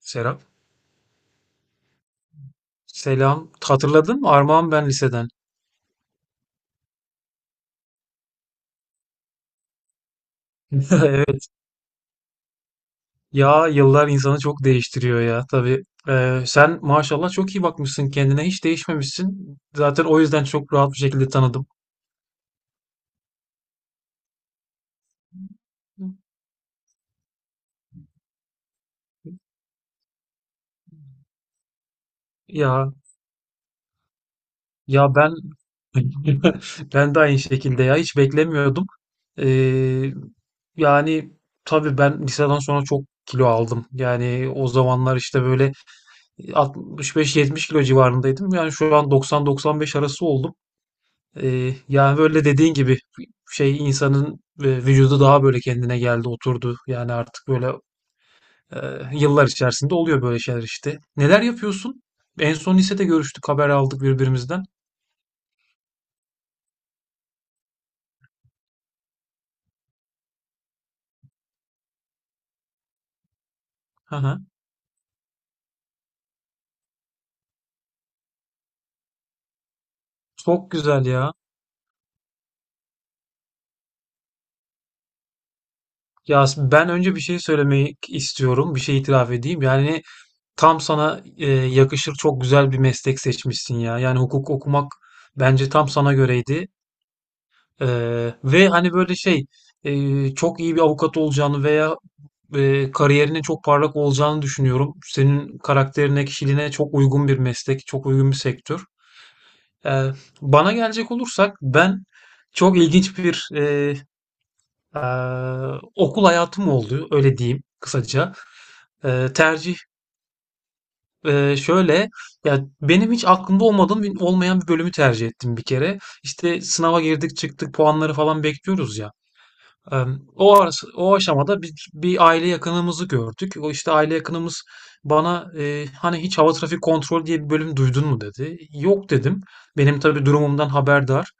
Serap. Selam. Hatırladın mı? Armağan ben liseden. Evet. Ya yıllar insanı çok değiştiriyor ya. Tabii. Sen maşallah çok iyi bakmışsın kendine. Hiç değişmemişsin. Zaten o yüzden çok rahat bir şekilde tanıdım. Ya ya ben ben de aynı şekilde ya hiç beklemiyordum. Ee, yani tabii ben liseden sonra çok kilo aldım. Yani o zamanlar işte böyle 65-70 kilo civarındaydım. Yani şu an 90-95 arası oldum. Yani böyle dediğin gibi şey insanın vücudu daha böyle kendine geldi, oturdu. Yani artık böyle e, yıllar içerisinde oluyor böyle şeyler işte. Neler yapıyorsun? En son lisede görüştük, haber aldık birbirimizden. Hı hı. Çok güzel ya. Ya ben önce bir şey söylemek istiyorum, bir şey itiraf edeyim. Yani tam sana yakışır çok güzel bir meslek seçmişsin ya. Yani hukuk okumak bence tam sana göreydi. Ve hani böyle şey, çok iyi bir avukat olacağını veya kariyerinin çok parlak olacağını düşünüyorum. Senin karakterine, kişiliğine çok uygun bir meslek, çok uygun bir sektör. Ee, Bana gelecek olursak ben çok ilginç bir e, okul hayatım oldu, öyle diyeyim kısaca. Ee, tercih e, şöyle, Ya benim hiç olmayan bir bölümü tercih ettim bir kere. İşte sınava girdik, çıktık, puanları falan bekliyoruz ya. O aşamada bir aile yakınımızı gördük. O işte aile yakınımız bana hani hiç hava trafik kontrolü diye bir bölüm duydun mu dedi. Yok dedim. Benim tabii durumumdan haberdar.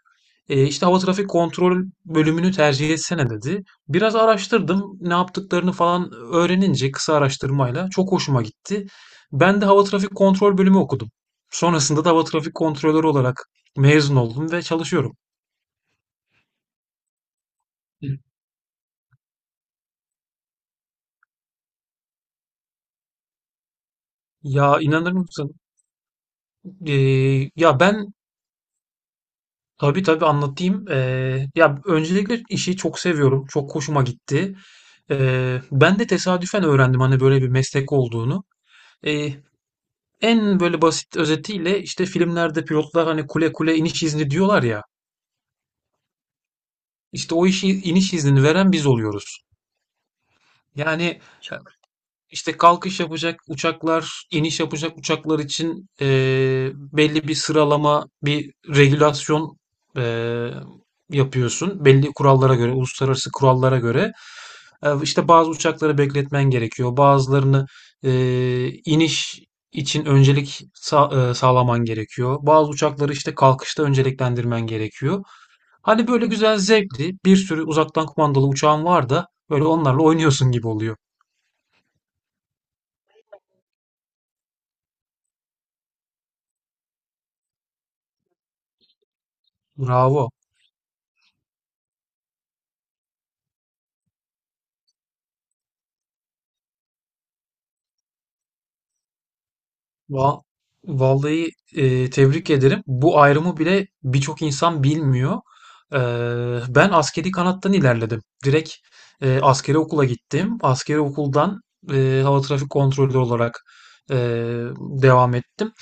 İşte hava trafik kontrol bölümünü tercih etsene dedi. Biraz araştırdım. Ne yaptıklarını falan öğrenince kısa araştırmayla çok hoşuma gitti. Ben de hava trafik kontrol bölümü okudum. Sonrasında da hava trafik kontrolörü olarak mezun oldum ve çalışıyorum. Ya inanır mısın? Ee, ya ben Tabii tabii anlatayım. Ya öncelikle işi çok seviyorum. Çok hoşuma gitti. Ben de tesadüfen öğrendim hani böyle bir meslek olduğunu. Eee, En böyle basit özetiyle işte filmlerde pilotlar hani kule kule iniş izni diyorlar ya. İşte o işi iniş iznini veren biz oluyoruz. Yani işte kalkış yapacak uçaklar, iniş yapacak uçaklar için belli bir sıralama, bir regülasyon eee, yapıyorsun. Belli kurallara göre, uluslararası kurallara göre. İşte bazı uçakları bekletmen gerekiyor. Bazılarını iniş için sağlaman gerekiyor. Bazı uçakları işte kalkışta önceliklendirmen gerekiyor. Hani böyle güzel zevkli bir sürü uzaktan kumandalı uçağın var da böyle onlarla oynuyorsun gibi oluyor. Bravo. Va- Vallahi tebrik ederim. Bu ayrımı bile birçok insan bilmiyor. Ben askeri kanattan ilerledim. Direkt askeri okula gittim. Askeri okuldan hava trafik kontrolü olarak e, devam ettim.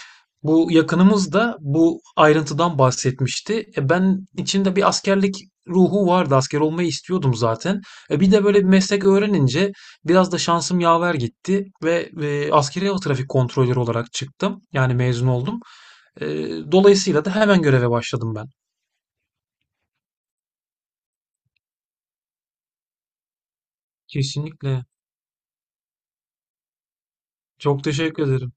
Bu yakınımız da bu ayrıntıdan bahsetmişti. E ben içimde bir askerlik ruhu vardı. Asker olmayı istiyordum zaten. E bir de böyle bir meslek öğrenince biraz da şansım yaver gitti ve askeri hava trafik kontrolörü olarak çıktım. Yani mezun oldum. E, Dolayısıyla da hemen göreve başladım ben. Kesinlikle. Çok teşekkür ederim.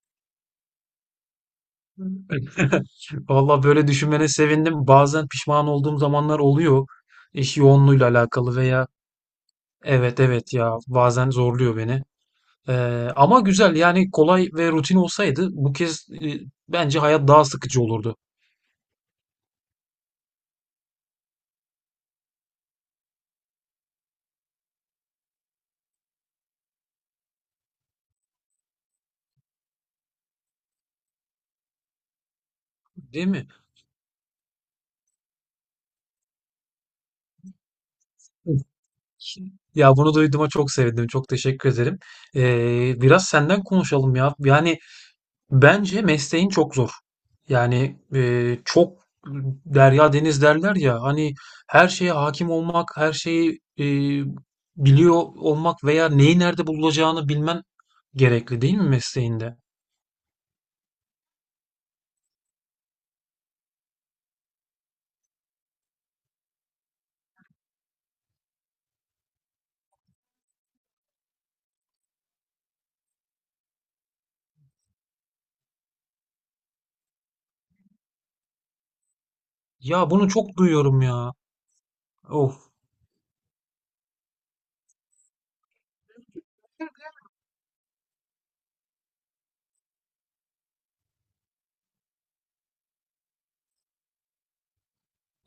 Valla böyle düşünmene sevindim. Bazen pişman olduğum zamanlar oluyor. İş yoğunluğuyla alakalı veya evet, evet, ya bazen zorluyor beni. Ama güzel, yani kolay ve rutin olsaydı bu kez, bence hayat daha sıkıcı olurdu. Değil mi? Hı. Ya bunu duyduğuma çok sevindim. Çok teşekkür ederim. Biraz senden konuşalım ya. Yani bence mesleğin çok zor. Yani e, derya deniz derler ya hani her şeye hakim olmak, her şeyi biliyor olmak veya neyi nerede bulacağını bilmen gerekli değil mi mesleğinde? Ya bunu çok duyuyorum ya. Of.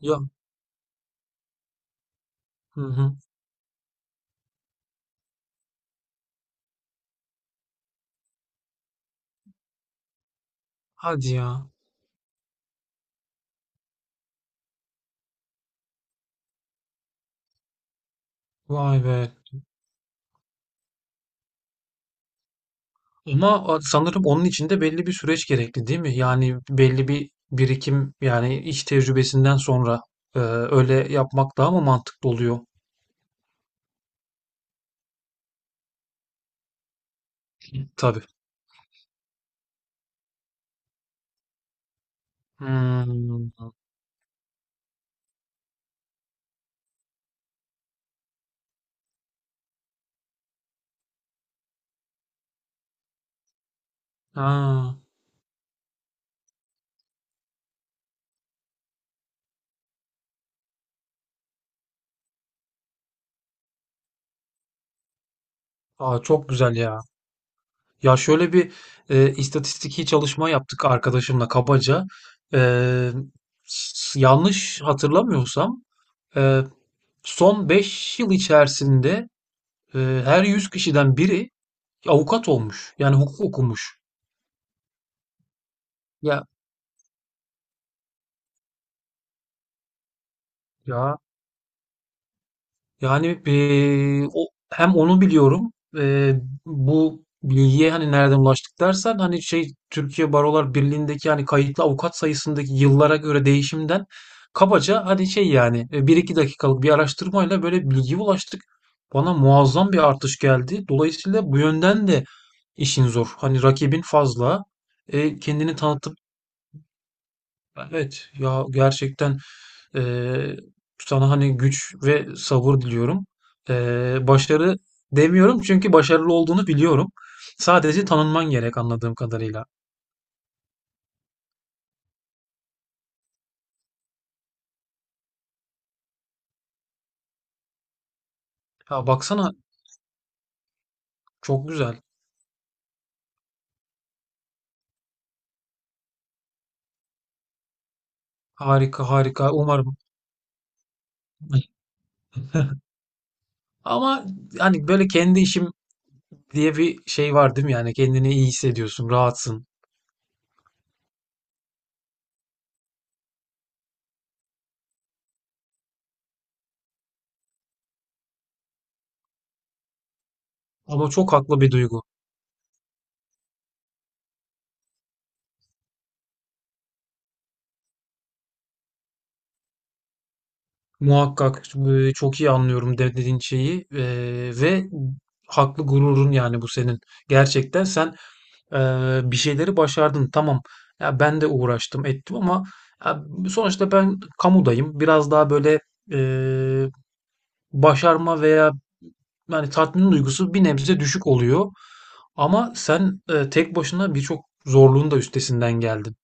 Ya. Hı hı. Hadi ya. Vay be. Ama sanırım onun için de belli bir süreç gerekli değil mi? Yani belli bir birikim, yani iş tecrübesinden sonra öyle yapmak daha mı mantıklı oluyor? Tabii. Hmm. Ha. Aa, çok güzel ya. Ya şöyle bir istatistiki çalışma yaptık arkadaşımla kabaca. E, Yanlış hatırlamıyorsam e, son 5 yıl içerisinde e, her 100 kişiden biri avukat olmuş. Yani hukuk okumuş. Ya ya, yani o hem onu biliyorum. Bu bilgiye hani nereden ulaştık dersen, hani şey, Türkiye Barolar Birliği'ndeki hani kayıtlı avukat sayısındaki yıllara göre değişimden kabaca, hani şey, yani 1-2 dakikalık bir araştırmayla böyle bilgiye ulaştık. Bana muazzam bir artış geldi. Dolayısıyla bu yönden de işin zor. Hani rakibin fazla. E, kendini tanıtıp Evet ya, gerçekten eee, sana hani güç ve sabır diliyorum. Başarı demiyorum çünkü başarılı olduğunu biliyorum. Sadece tanınman gerek anladığım kadarıyla. Ya baksana çok güzel. Harika, harika umarım. Ama hani böyle kendi işim diye bir şey var değil mi? Yani kendini iyi hissediyorsun, rahatsın. Ama çok haklı bir duygu. Muhakkak, çok iyi anlıyorum dediğin şeyi ve haklı gururun, yani bu senin. Gerçekten sen e, bir şeyleri başardın. Tamam. Ya ben de uğraştım ettim ama ya sonuçta ben kamudayım. Biraz daha böyle e, başarma veya yani tatmin duygusu bir nebze düşük oluyor. Ama sen tek başına birçok zorluğun da üstesinden geldin.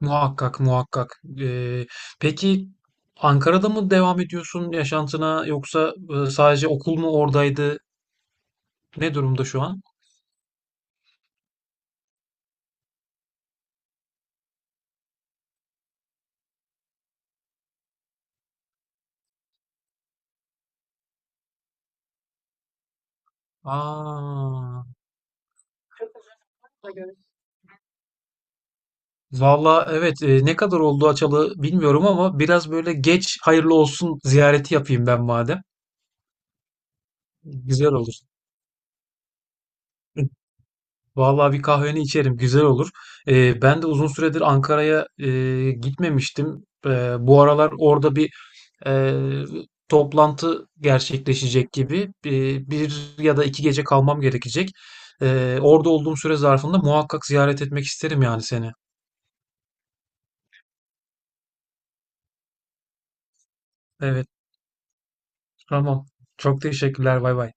Muhakkak, muhakkak. Peki Ankara'da mı devam ediyorsun yaşantına yoksa sadece okul mu oradaydı? Ne durumda şu an? Aa, valla evet, ne kadar oldu açalı bilmiyorum ama biraz böyle geç hayırlı olsun ziyareti yapayım ben madem. Güzel olur. Vallahi bir kahveni içerim, güzel olur. Ben de uzun süredir Ankara'ya gitmemiştim. Bu aralar orada bir e, toplantı gerçekleşecek gibi, bir ya da 2 gece kalmam gerekecek. Orada olduğum süre zarfında muhakkak ziyaret etmek isterim, yani seni. Evet, tamam. Çok teşekkürler, bay bay.